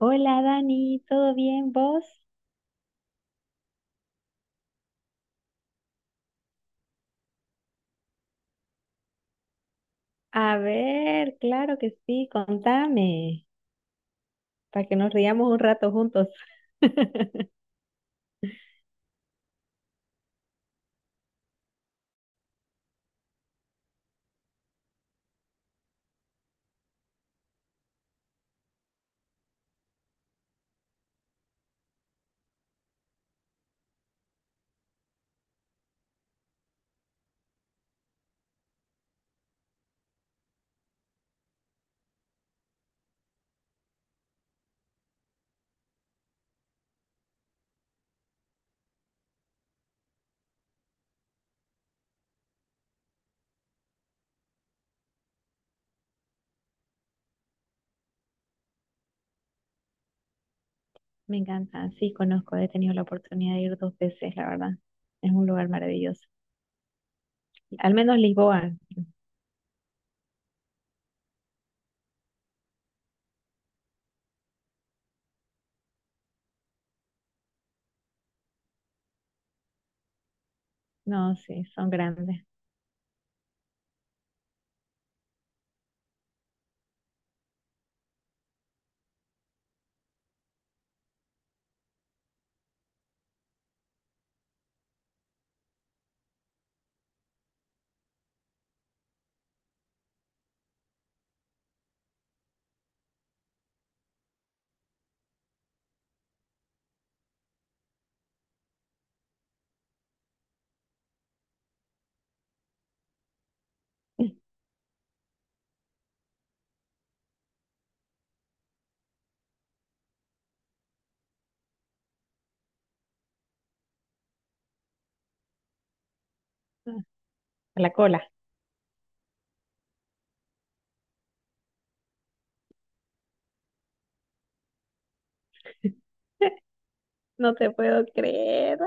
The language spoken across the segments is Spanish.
Hola Dani, ¿todo bien vos? A ver, claro que sí, contame, para que nos riamos un rato juntos. Me encanta, sí, conozco, he tenido la oportunidad de ir dos veces, la verdad. Es un lugar maravilloso. Al menos Lisboa, no, sí, son grandes. A la cola. No te puedo creer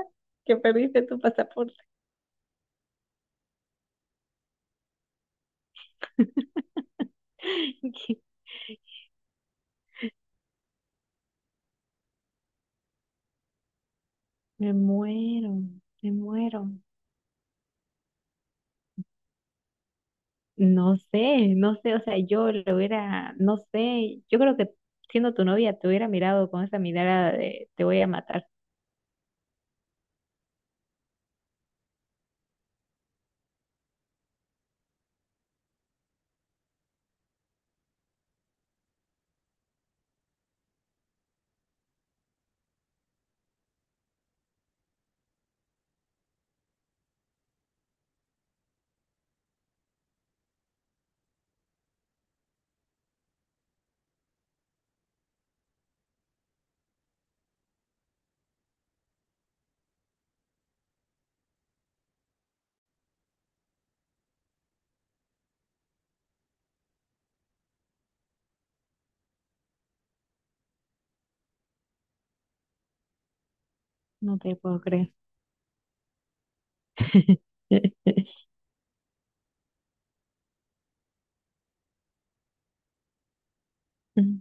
que perdiste tu pasaporte. Me muero, me muero. No sé, no sé, o sea, yo lo hubiera, no sé, yo creo que siendo tu novia te hubiera mirado con esa mirada de te voy a matar, no te puedo creer. Mm,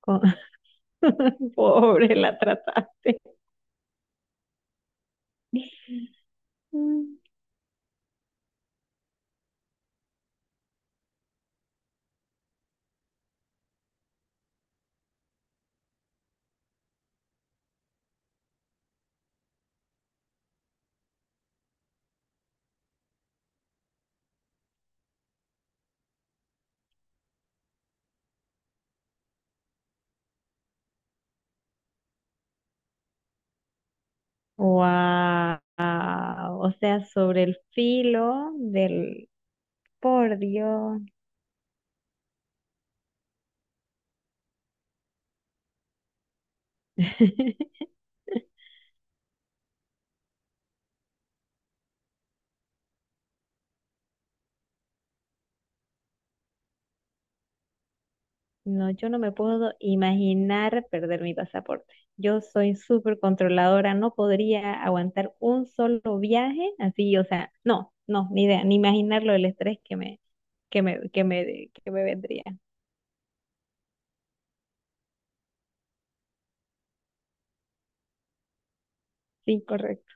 Con- Pobre, la trataste. Wow, o sea, sobre el filo del, por Dios. No, yo no me puedo imaginar perder mi pasaporte. Yo soy súper controladora, no podría aguantar un solo viaje así, o sea, no, no, ni idea, ni imaginarlo el estrés que me, que me, que me, que me vendría. Sí, correcto.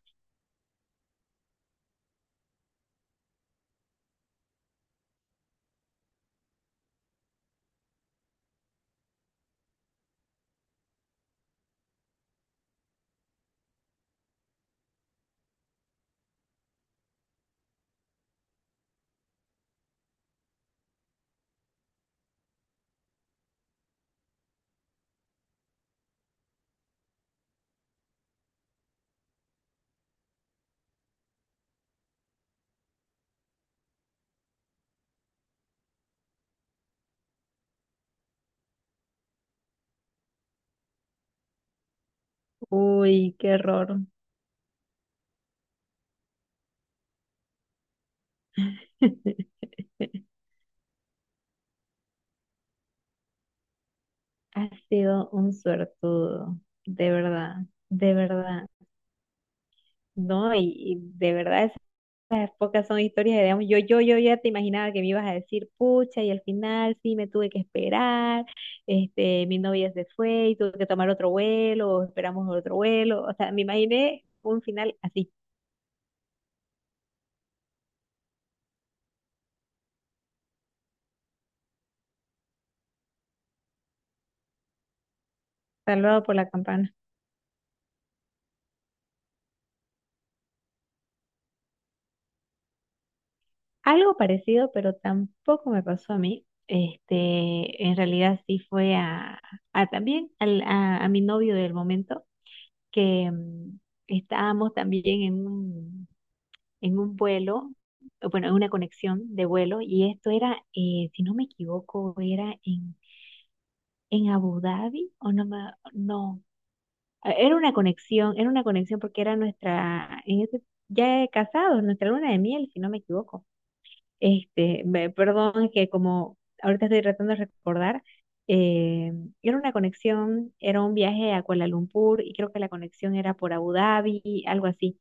Uy, qué error. Has sido un suertudo, de verdad, de verdad. No, y de verdad las pocas son historias de digamos, Yo ya te imaginaba que me ibas a decir, pucha, y al final sí me tuve que esperar, este, mi novia se fue y tuve que tomar otro vuelo, o esperamos otro vuelo. O sea, me imaginé un final así, salvado por la campana. Algo parecido, pero tampoco me pasó a mí. Este, en realidad sí fue a, también a mi novio del momento, que estábamos también en un vuelo, bueno, en una conexión de vuelo, y esto era, si no me equivoco, era en Abu Dhabi, o no, no, era una conexión porque era nuestra, en ese, ya casados, nuestra luna de miel, si no me equivoco. Este, perdón que como ahorita estoy tratando de recordar, eh, era una conexión, era un viaje a Kuala Lumpur y creo que la conexión era por Abu Dhabi, algo así.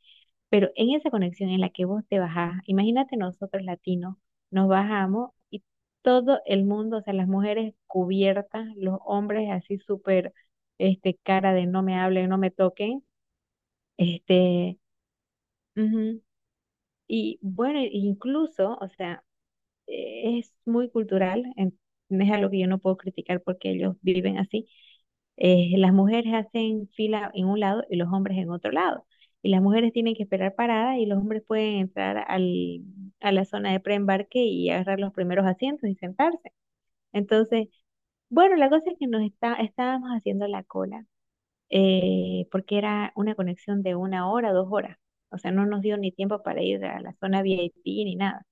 Pero en esa conexión en la que vos te bajás, imagínate nosotros latinos, nos bajamos y todo el mundo, o sea, las mujeres cubiertas, los hombres así súper, este, cara de no me hablen, no me toquen, este, ujú. Y bueno, incluso, o sea, es muy cultural, no es algo que yo no puedo criticar porque ellos viven así. Las mujeres hacen fila en un lado y los hombres en otro lado. Y las mujeres tienen que esperar parada y los hombres pueden entrar a la zona de preembarque y agarrar los primeros asientos y sentarse. Entonces, bueno, la cosa es que estábamos haciendo la cola porque era una conexión de una hora, dos horas. O sea, no nos dio ni tiempo para ir a la zona VIP ni nada.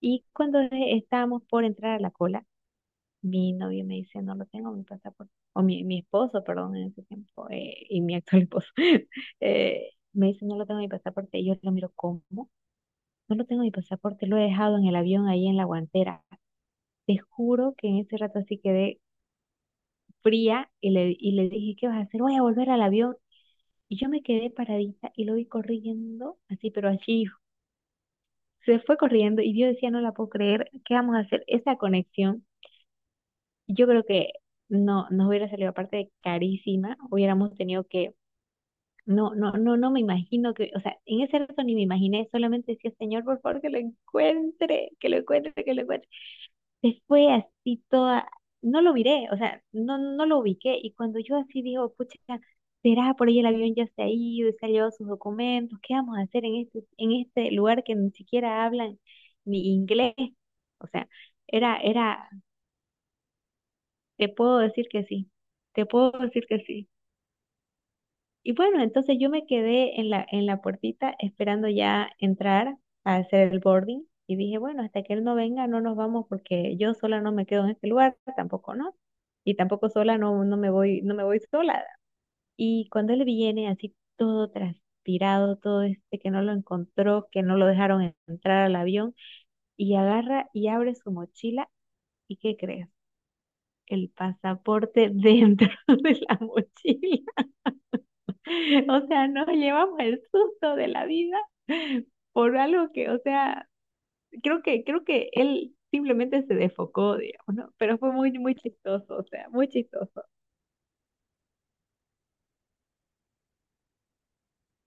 Y cuando estábamos por entrar a la cola, mi novio me dice, no lo tengo, mi pasaporte, o mi esposo, perdón, en ese tiempo, y mi actual esposo, me dice, no lo tengo mi pasaporte, y yo lo miro, ¿cómo? No lo tengo mi pasaporte, lo he dejado en el avión ahí en la guantera. Te juro que en ese rato así quedé fría y le dije, ¿qué vas a hacer? Voy a volver al avión. Y yo me quedé paradita y lo vi corriendo, así, pero así, se fue corriendo, y yo decía, no la puedo creer, ¿qué vamos a hacer? Esa conexión. Yo creo que no nos hubiera salido aparte carísima, hubiéramos tenido que, no me imagino que, o sea, en ese rato ni me imaginé, solamente decía, Señor, por favor, que lo encuentre. Se fue así toda, no lo miré, o sea, no, no lo ubiqué. Y cuando yo así digo, pucha, será por ahí el avión ya se ha ido y se ha llevado sus documentos, ¿qué vamos a hacer en este lugar que ni siquiera hablan ni inglés? O sea, era te puedo decir que sí, te puedo decir que sí. Y bueno, entonces yo me quedé en la puertita esperando ya entrar a hacer el boarding y dije, bueno, hasta que él no venga no nos vamos porque yo sola no me quedo en este lugar, tampoco no. Y tampoco sola no, no me voy, no me voy sola. Y cuando él viene así todo transpirado, todo este que no lo encontró, que no lo dejaron entrar al avión, y agarra y abre su mochila, ¿y qué crees? El pasaporte dentro de la mochila. O sea, nos llevamos el susto de la vida por algo que, o sea, creo que él simplemente se desfocó, digamos, ¿no? Pero fue muy, muy chistoso, o sea, muy chistoso.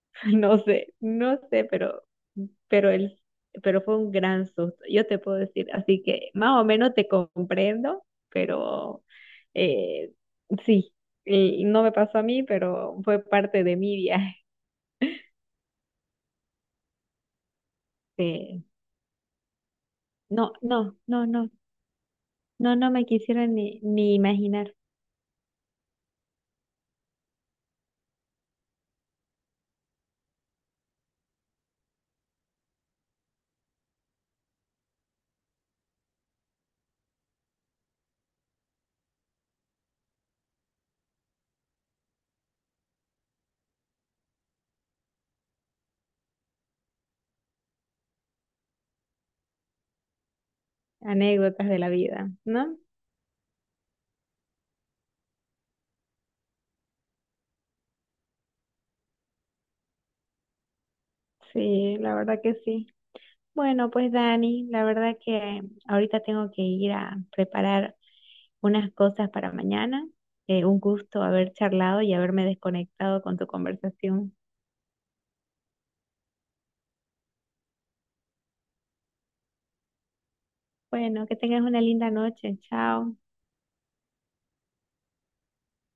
No sé, no sé, pero él, pero fue un gran susto, yo te puedo decir. Así que más o menos te comprendo, pero eh, sí, no me pasó a mí, pero fue parte de mi viaje. Eh, no. No, no me quisiera ni imaginar anécdotas de la vida, ¿no? Sí, la verdad que sí. Bueno, pues Dani, la verdad que ahorita tengo que ir a preparar unas cosas para mañana. Un gusto haber charlado y haberme desconectado con tu conversación. Bueno, que tengas una linda noche. Chao.